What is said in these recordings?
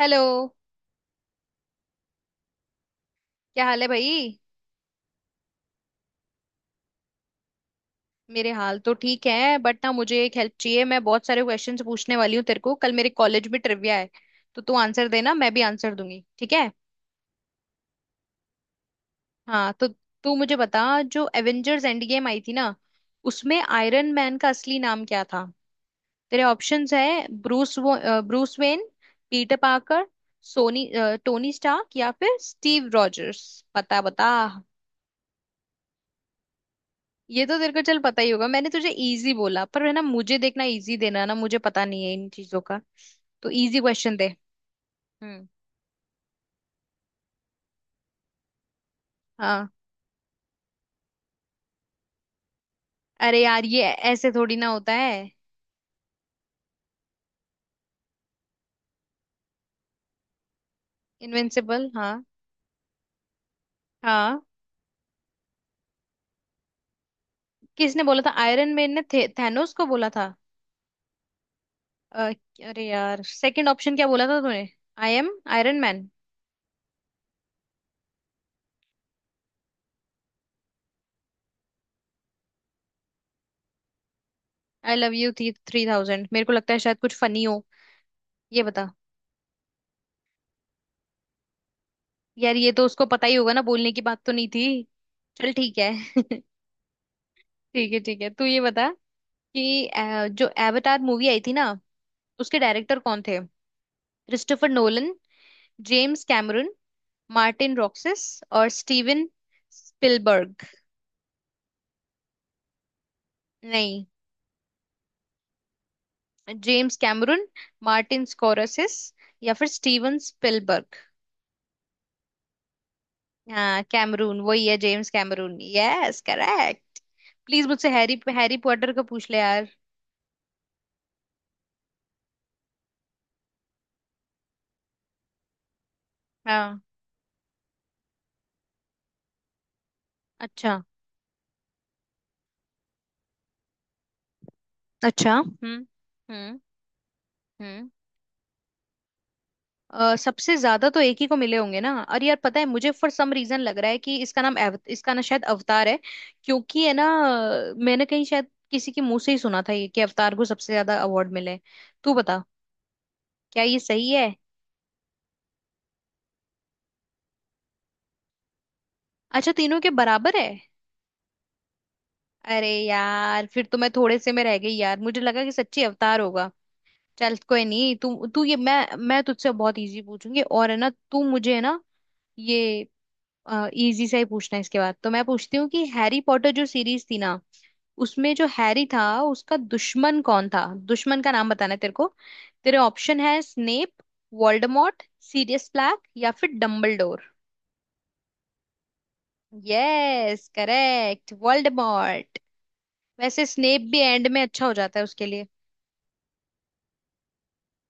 Hello. क्या हाल है भाई? मेरे हाल तो ठीक है, बट ना, मुझे एक हेल्प चाहिए। मैं बहुत सारे क्वेश्चंस पूछने वाली हूँ तेरे को। कल मेरे कॉलेज में ट्रिविया है, तो तू आंसर देना, मैं भी आंसर दूंगी, ठीक है? हाँ, तो तू मुझे बता, जो एवेंजर्स एंड गेम आई थी ना, उसमें आयरन मैन का असली नाम क्या था? तेरे ऑप्शंस है: Bruce, Bruce Wayne, Peter Parker, Sony, Tony Stark या फिर स्टीव रॉजर्स। बता बता। ये तो तेरे को चल पता ही होगा। मैंने तुझे इजी बोला, पर है ना, मुझे देखना, इजी देना ना, मुझे पता नहीं है इन चीजों का। तो इजी क्वेश्चन दे। हम्म। हाँ। अरे यार, ये ऐसे थोड़ी ना होता है। इनविंसिबल, हाँ। हाँ, किसने बोला था? आयरन मैन ने थे, थैनोस को बोला था। अ, अरे यार, सेकंड ऑप्शन क्या बोला था तूने? I am Iron Man. I love you थी थ्री थाउजेंड, मेरे को लगता है शायद कुछ फनी हो। ये बता। यार, ये तो उसको पता ही होगा ना, बोलने की बात तो नहीं थी। चल ठीक है। ठीक है ठीक है, तू ये बता कि जो एवतार मूवी आई थी ना, उसके डायरेक्टर कौन थे? Christopher Nolan, James Cameron, Martin रॉक्सिस और स्टीवन स्पिलबर्ग। नहीं, जेम्स कैमरून, मार्टिन स्कोरसेस या फिर स्टीवन स्पिलबर्ग। हाँ, कैमरून वही है, James Cameron, yes correct. Please, मुझसे हैरी हैरी पॉटर का पूछ ले यार। हाँ। अच्छा। अच्छा। हम्म। हम्म। हम्म। सबसे ज्यादा तो एक ही को मिले होंगे ना, और यार पता है, मुझे फॉर सम रीजन लग रहा है कि इसका नाम इसका ना शायद अवतार है, क्योंकि है ना, मैंने कहीं शायद किसी के मुंह से ही सुना था ये कि अवतार को सबसे ज्यादा अवार्ड मिले हैं। तू बता, क्या ये सही है? अच्छा, तीनों के बराबर है। अरे यार, फिर तो मैं थोड़े से में रह गई। यार, मुझे लगा कि सच्ची अवतार होगा। चल कोई नहीं। तू तू ये मैं तुझसे बहुत इजी पूछूंगी, और है ना, तू मुझे है ना, ये इजी सा ही पूछना है। इसके बाद तो मैं पूछती हूँ कि हैरी पॉटर जो सीरीज थी ना, उसमें जो हैरी था, उसका दुश्मन कौन था? दुश्मन का नाम बताना है तेरे को। तेरे ऑप्शन है: स्नेप, वोल्डेमॉर्ट, सीरियस ब्लैक या फिर डम्बलडोर। Yes correct, Voldemort. वैसे स्नेप भी एंड में अच्छा हो जाता है उसके लिए।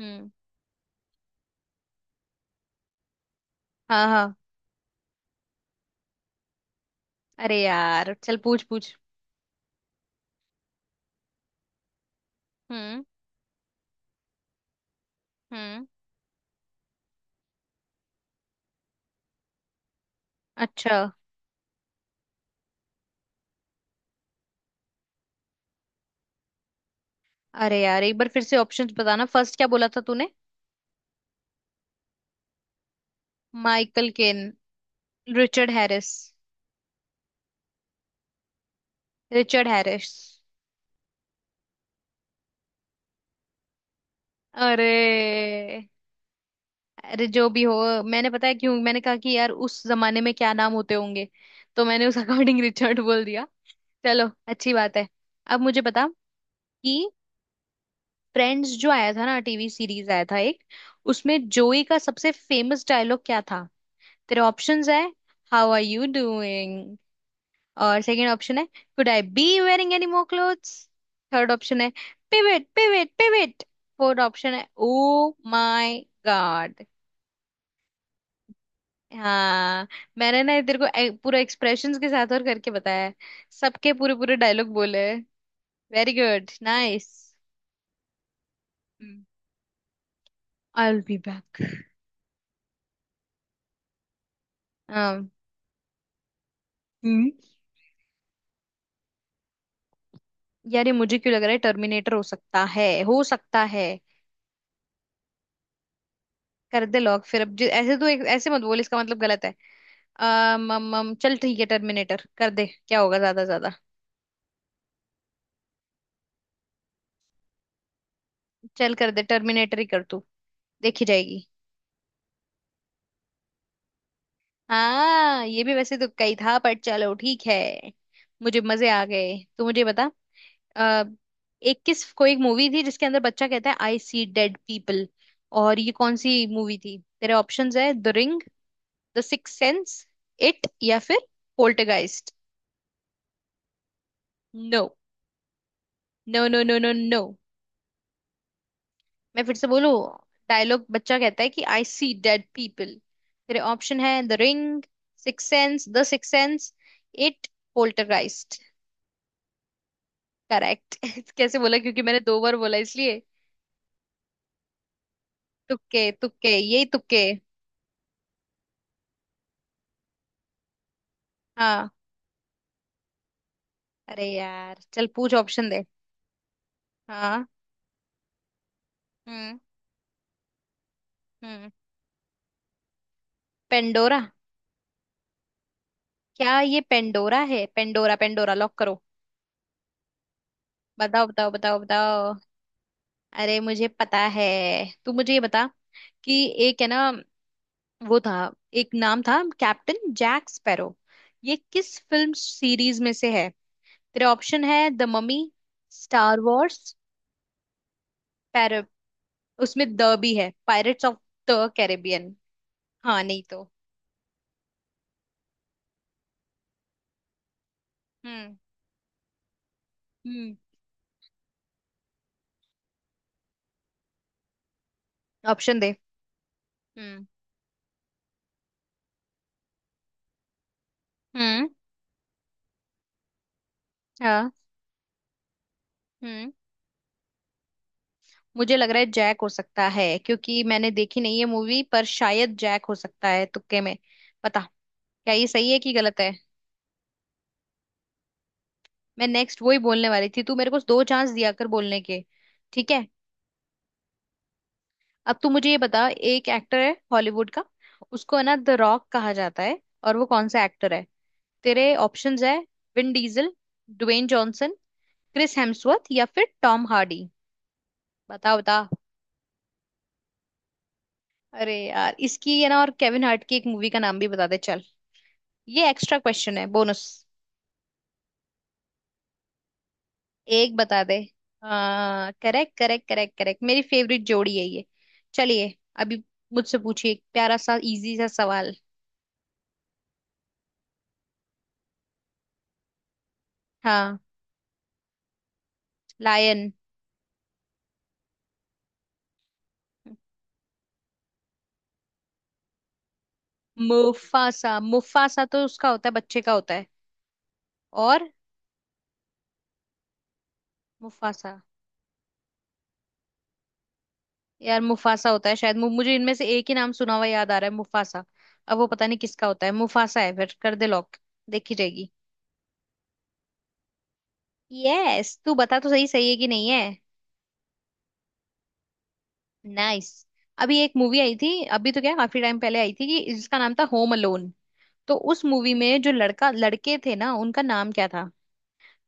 हम्म। हाँ हाँ, अरे यार, चल पूछ पूछ। हम्म। हम्म। अच्छा। अरे यार, एक बार फिर से ऑप्शंस बताना, फर्स्ट क्या बोला था तूने? Michael Caine, Richard Harris. Richard Harris. अरे। अरे जो भी हो, मैंने पता है क्यों, मैंने कहा कि यार उस जमाने में क्या नाम होते होंगे, तो मैंने उस अकॉर्डिंग रिचर्ड बोल दिया। चलो अच्छी बात है। अब मुझे बता कि फ्रेंड्स जो आया था ना, टीवी सीरीज आया था एक, उसमें जोई का सबसे फेमस डायलॉग क्या था? तेरे ऑप्शंस है हाउ आर यू डूइंग, और सेकंड ऑप्शन है could I be wearing any more clothes, third option है pivot pivot pivot, fourth option है ओ माय गॉड। हाँ, मैंने ना तेरे को पूरा एक्सप्रेशंस के साथ और करके बताया है, सबके पूरे पूरे डायलॉग बोले। Very good, nice. I will be back. हाँ। हम्म। यार, ये मुझे क्यों लग रहा है टर्मिनेटर हो सकता है, हो सकता है। कर दे लॉक फिर। अब ऐसे तो एक, ऐसे मत बोल, इसका मतलब गलत है। अम अम अम, चल ठीक है, टर्मिनेटर कर दे, क्या होगा ज्यादा से ज्यादा। चल कर दे, टर्मिनेटर ही कर तू, देखी जाएगी। हाँ, ये भी वैसे तुक्का ही था, पर चलो ठीक है। मुझे मजे आ गए। तू मुझे बता अ, एक किस कोई एक मूवी थी जिसके अंदर बच्चा कहता है आई सी डेड पीपल, और ये कौन सी मूवी थी? तेरे ऑप्शंस है the ring, the six sense, it या फिर poltergeist. No no no no no no, मैं फिर से बोलूं। डायलॉग, बच्चा कहता है कि आई सी डेड पीपल। तेरे ऑप्शन है the ring, six sense, the six sense, it, poltergeist. Correct. कैसे बोला, क्योंकि मैंने दो बार बोला इसलिए? तुक्के तुक्के, यही तुक्के। हाँ। अरे यार, चल पूछ ऑप्शन दे। हाँ। हम्म। हम्म। पेंडोरा। क्या ये पेंडोरा है? पेंडोरा पेंडोरा लॉक करो। बताओ बताओ बताओ बताओ। अरे, मुझे पता है। तू मुझे ये बता कि एक है ना, वो था, एक नाम था कैप्टन जैक स्पैरो, ये किस फिल्म सीरीज में से है? तेरे ऑप्शन है द ममी, स्टार वॉर्स। पैर उसमें द भी है, पायरेट्स ऑफ द कैरेबियन। हाँ, नहीं तो। हम्म। हम्म। ऑप्शन दे। हम्म। हम्म। हाँ। हम्म। मुझे लग रहा है जैक हो सकता है, क्योंकि मैंने देखी नहीं है मूवी, पर शायद जैक हो सकता है तुक्के में। पता, क्या ये सही है कि गलत है? मैं नेक्स्ट वही बोलने वाली थी, तू मेरे को दो चांस दिया कर बोलने के। ठीक है, अब तू मुझे ये बता, एक एक्टर है हॉलीवुड का, उसको है ना द रॉक कहा जाता है, और वो कौन सा एक्टर है? तेरे ऑप्शंस है Vin Diesel, Dwayne Johnson, Chris Hemsworth या फिर टॉम हार्डी। बता बता। अरे यार, इसकी है ना और केविन हार्ट की एक मूवी का नाम भी बता दे चल, ये एक्स्ट्रा क्वेश्चन है, बोनस। एक बता दे। हाँ, करेक्ट करेक्ट करेक्ट करेक्ट, मेरी फेवरेट जोड़ी है ये। चलिए, अभी मुझसे पूछिए एक प्यारा सा इजी सा सवाल। हाँ। लायन। मुफासा, मुफासा तो उसका होता है, बच्चे का होता है। और मुफासा। यार, मुफासा होता है शायद, मुझे इनमें से एक ही नाम सुना हुआ याद आ रहा है, मुफासा। अब वो पता नहीं किसका होता है, मुफासा है फिर, कर दे लॉक, देखी जाएगी। यस। तू बता तो, सही सही है कि नहीं है? नाइस। अभी एक मूवी आई थी, अभी तो क्या, काफी टाइम पहले आई थी, कि जिसका नाम था होम अलोन। तो उस मूवी में जो लड़का लड़के थे ना, उनका नाम क्या था?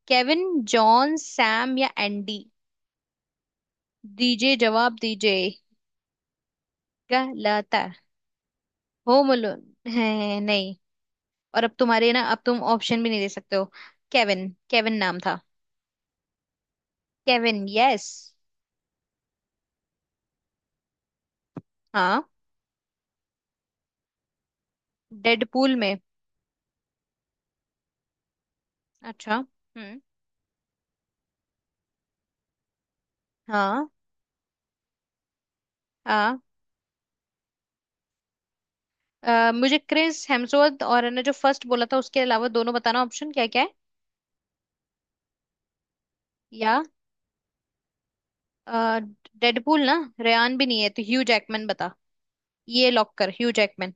केविन, जॉन, सैम या एंडी। दीजिए जवाब दीजिए। गलत है। होम अलोन है नहीं। और अब तुम्हारे ना, अब तुम ऑप्शन भी नहीं दे सकते हो। केविन, केविन नाम था। Kevin, yes. हाँ, डेडपूल में। अच्छा। हम्म। हाँ। हाँ, मुझे क्रिस हेम्सवर्थ और ने जो फर्स्ट बोला था उसके अलावा दोनों बताना, ऑप्शन क्या क्या है? या अ, डेडपूल ना, रेयान भी नहीं है, तो ह्यू जैकमैन बता, ये लॉक कर, ह्यू जैकमैन।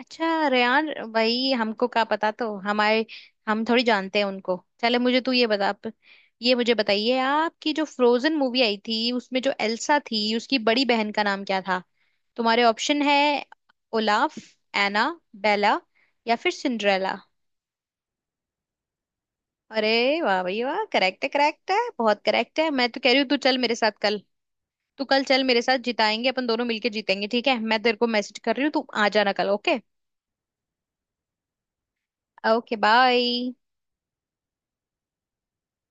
अच्छा, रेयान भाई हमको क्या पता, तो हमारे हम थोड़ी जानते हैं उनको। चले मुझे तू ये बता, आप ये मुझे बताइए, आपकी जो फ्रोजन मूवी आई थी, उसमें जो एल्सा थी, उसकी बड़ी बहन का नाम क्या था? तुम्हारे ऑप्शन है ओलाफ, एना, बेला या फिर सिंड्रेला। अरे वाह भाई वाह, करेक्ट है बहुत करेक्ट है। मैं तो कह रही हूँ, तू चल मेरे साथ कल। तू कल चल मेरे साथ, जिताएंगे अपन दोनों मिलके, जीतेंगे, ठीक है? मैं तेरे को मैसेज कर रही हूँ, तू आ जाना कल, ओके। Okay bye.